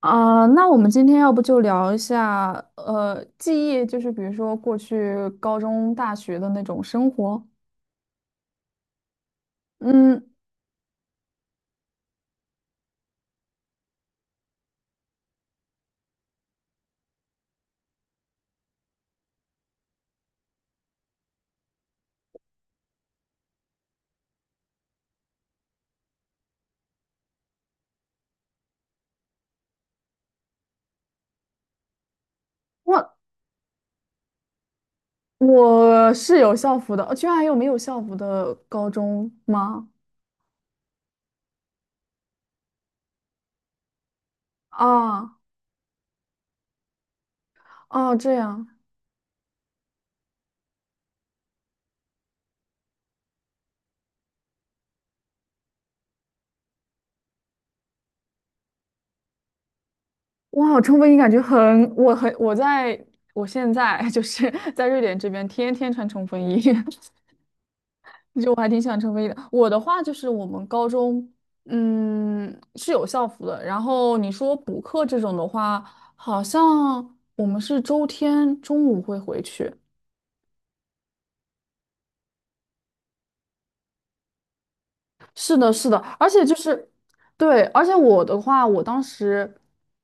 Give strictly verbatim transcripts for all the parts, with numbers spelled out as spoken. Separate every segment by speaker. Speaker 1: 啊，那我们今天要不就聊一下，呃，记忆，就是比如说过去高中、大学的那种生活。嗯，我我是有校服的，呃居然还有没有校服的高中吗？啊，啊，这样，哇，冲锋衣感觉很，我很，我在我现在 就是在瑞典这边，天天穿冲锋衣。就我还挺想成为的。我的话就是我们高中，嗯，是有校服的。然后你说补课这种的话，好像我们是周天中午会回去，是的，是的，而且就是，对，而且我的话，我当时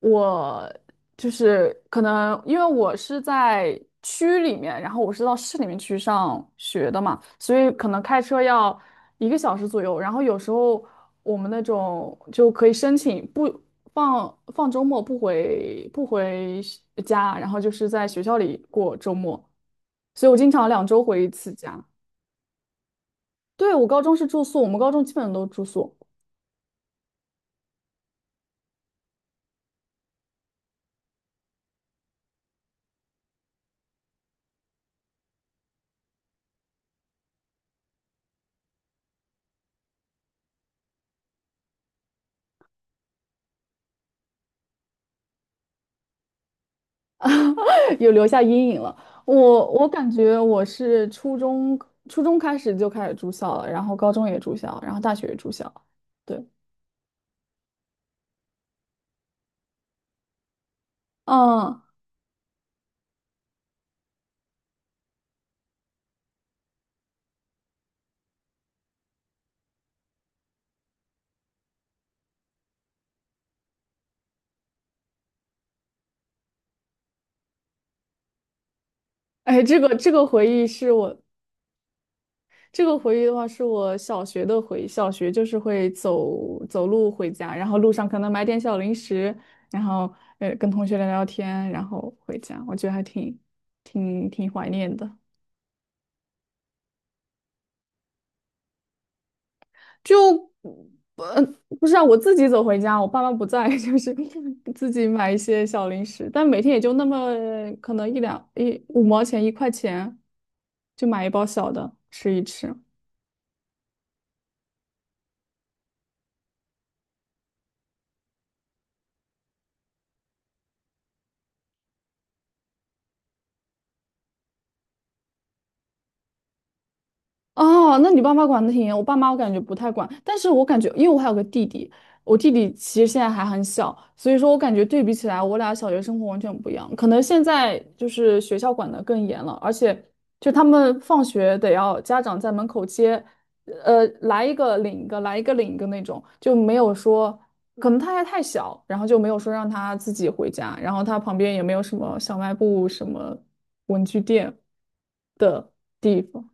Speaker 1: 我就是可能因为我是在区里面，然后我是到市里面去上学的嘛，所以可能开车要一个小时左右。然后有时候我们那种就可以申请不放放周末不回不回家，然后就是在学校里过周末，所以我经常两周回一次家。对，我高中是住宿，我们高中基本都住宿。有留下阴影了。我我感觉我是初中初中开始就开始住校了，然后高中也住校，然后大学也住校。对，嗯，哎，这个这个回忆是我这个回忆的话是我小学的回忆。小学就是会走走路回家，然后路上可能买点小零食，然后呃跟同学聊聊天，然后回家。我觉得还挺挺挺怀念的。就呃不是啊，我自己走回家，我爸妈不在，就是自己买一些小零食，但每天也就那么可能一两一五毛钱一块钱，就买一包小的吃一吃。哦，那你爸妈管的挺严，我爸妈我感觉不太管，但是我感觉，因为我还有个弟弟，我弟弟其实现在还很小，所以说我感觉对比起来，我俩小学生活完全不一样。可能现在就是学校管的更严了，而且就他们放学得要家长在门口接，呃，来一个领一个，来一个领一个那种，就没有说，可能他还太小，然后就没有说让他自己回家，然后他旁边也没有什么小卖部、什么文具店的地方。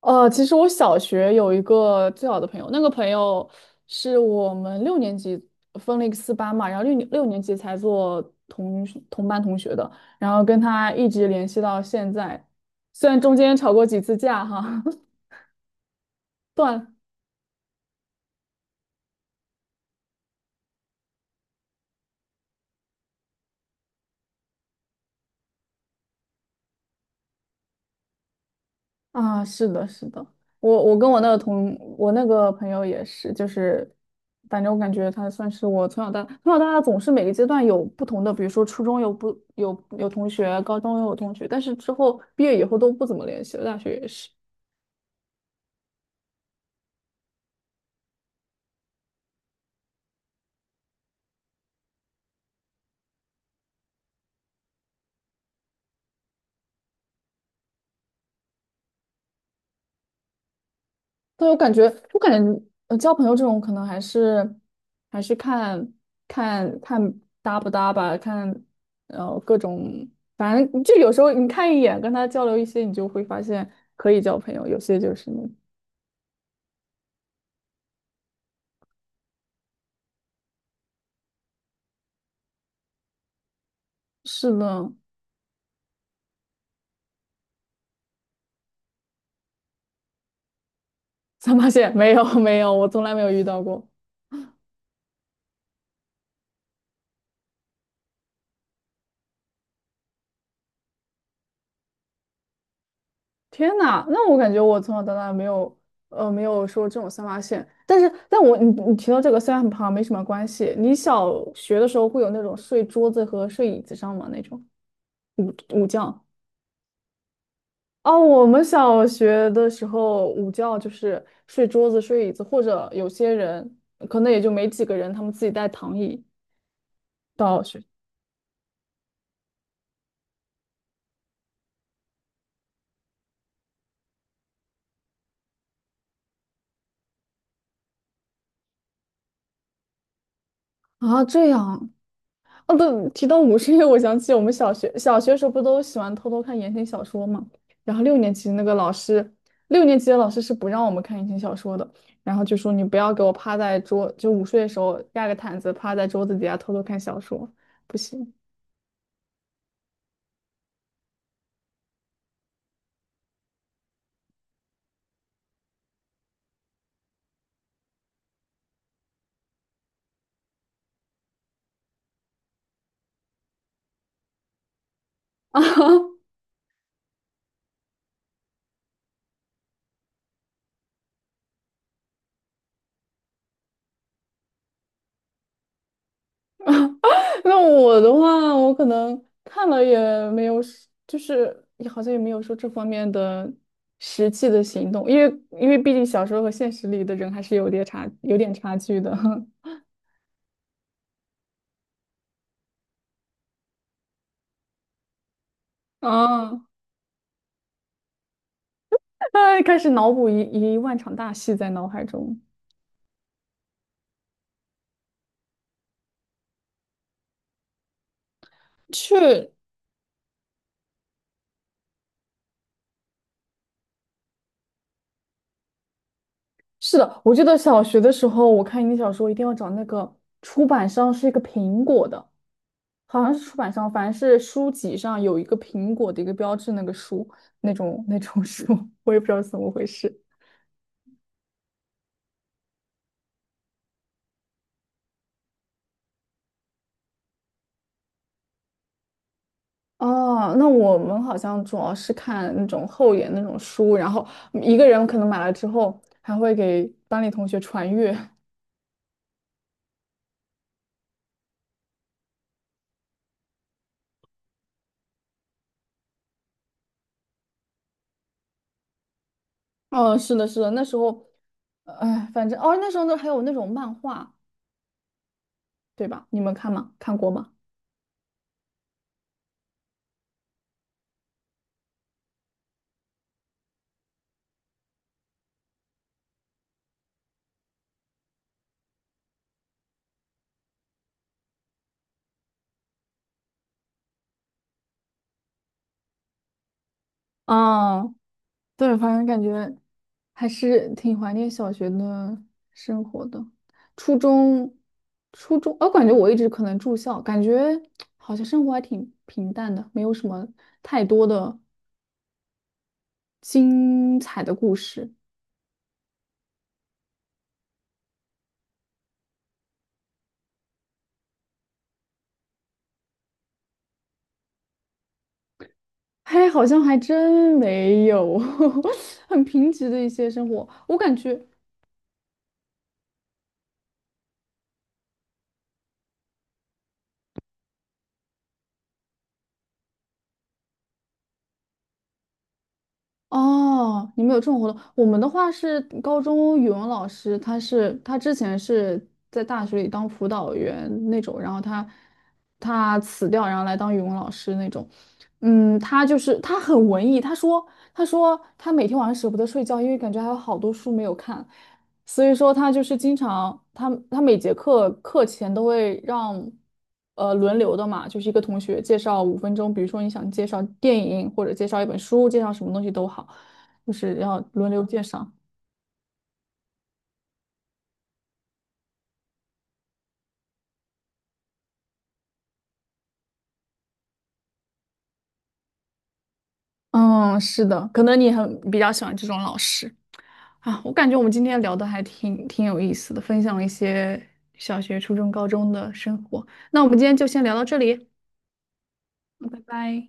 Speaker 1: 呃，其实我小学有一个最好的朋友，那个朋友是我们六年级分了一个四班嘛，然后六年六年级才做同同班同学的，然后跟他一直联系到现在，虽然中间吵过几次架哈，断啊，是的，是的，我我跟我那个同我那个朋友也是，就是反正我感觉他算是我从小到从小到大总是每个阶段有不同的，比如说初中有不有有同学，高中也有同学，但是之后毕业以后都不怎么联系了，大学也是。对，我感觉我感觉呃交朋友这种可能还是还是看看看搭不搭吧，看呃各种，反正就有时候你看一眼跟他交流一些，你就会发现可以交朋友，有些就是。是的，三八线 没有没有，我从来没有遇到过。天呐，那我感觉我从小到大没有呃没有说这种三八线，但是但我你你提到这个虽然很胖没什么关系，你小学的时候会有那种睡桌子和睡椅子上吗？那种午午觉？哦，我们小学的时候午觉就是睡桌子、睡椅子，或者有些人可能也就没几个人，他们自己带躺椅到学啊，这样哦，对，提到午睡，因为我想起我们小学小学时候不都喜欢偷偷看言情小说嘛？然后六年级那个老师，六年级的老师是不让我们看言情小说的，然后就说你不要给我趴在桌，就午睡的时候盖个毯子趴在桌子底下偷偷看小说，不行。啊，那我的话，我可能看了也没有是就是也好像也没有说这方面的实际的行动，因为因为毕竟小说和现实里的人还是有点差，有点差距的。啊，他开始脑补一一万场大戏在脑海中。去，是的，我记得小学的时候，我看英语小说一定要找那个出版商是一个苹果的，好像是出版商，反正是书籍上有一个苹果的一个标志，那个书那种那种书，我也不知道是怎么回事。哦，那我们好像主要是看那种厚一点那种书，然后一个人可能买了之后还会给班里同学传阅，哦，是的，是的，那时候，哎，反正哦，那时候那还有那种漫画，对吧？你们看吗？看过吗？啊，对，反正感觉还是挺怀念小学的生活的。初中，初中，我感觉我一直可能住校，感觉好像生活还挺平淡的，没有什么太多的精彩的故事。嘿，好像还真没有，很贫瘠的一些生活，我感觉。哦，你们有这种活动？我们的话是高中语文老师，他是他之前是在大学里当辅导员那种，然后他他辞掉，然后来当语文老师那种。嗯，他就是他很文艺，他说他说他每天晚上舍不得睡觉，因为感觉还有好多书没有看。所以说他就是经常，他他每节课课前都会让，呃，轮流的嘛，就是一个同学介绍五分钟，比如说你想介绍电影或者介绍一本书，介绍什么东西都好，就是要轮流介绍。嗯，是的，可能你很比较喜欢这种老师啊。我感觉我们今天聊的还挺挺有意思的，分享了一些小学、初中、高中的生活。那我们今天就先聊到这里，拜拜。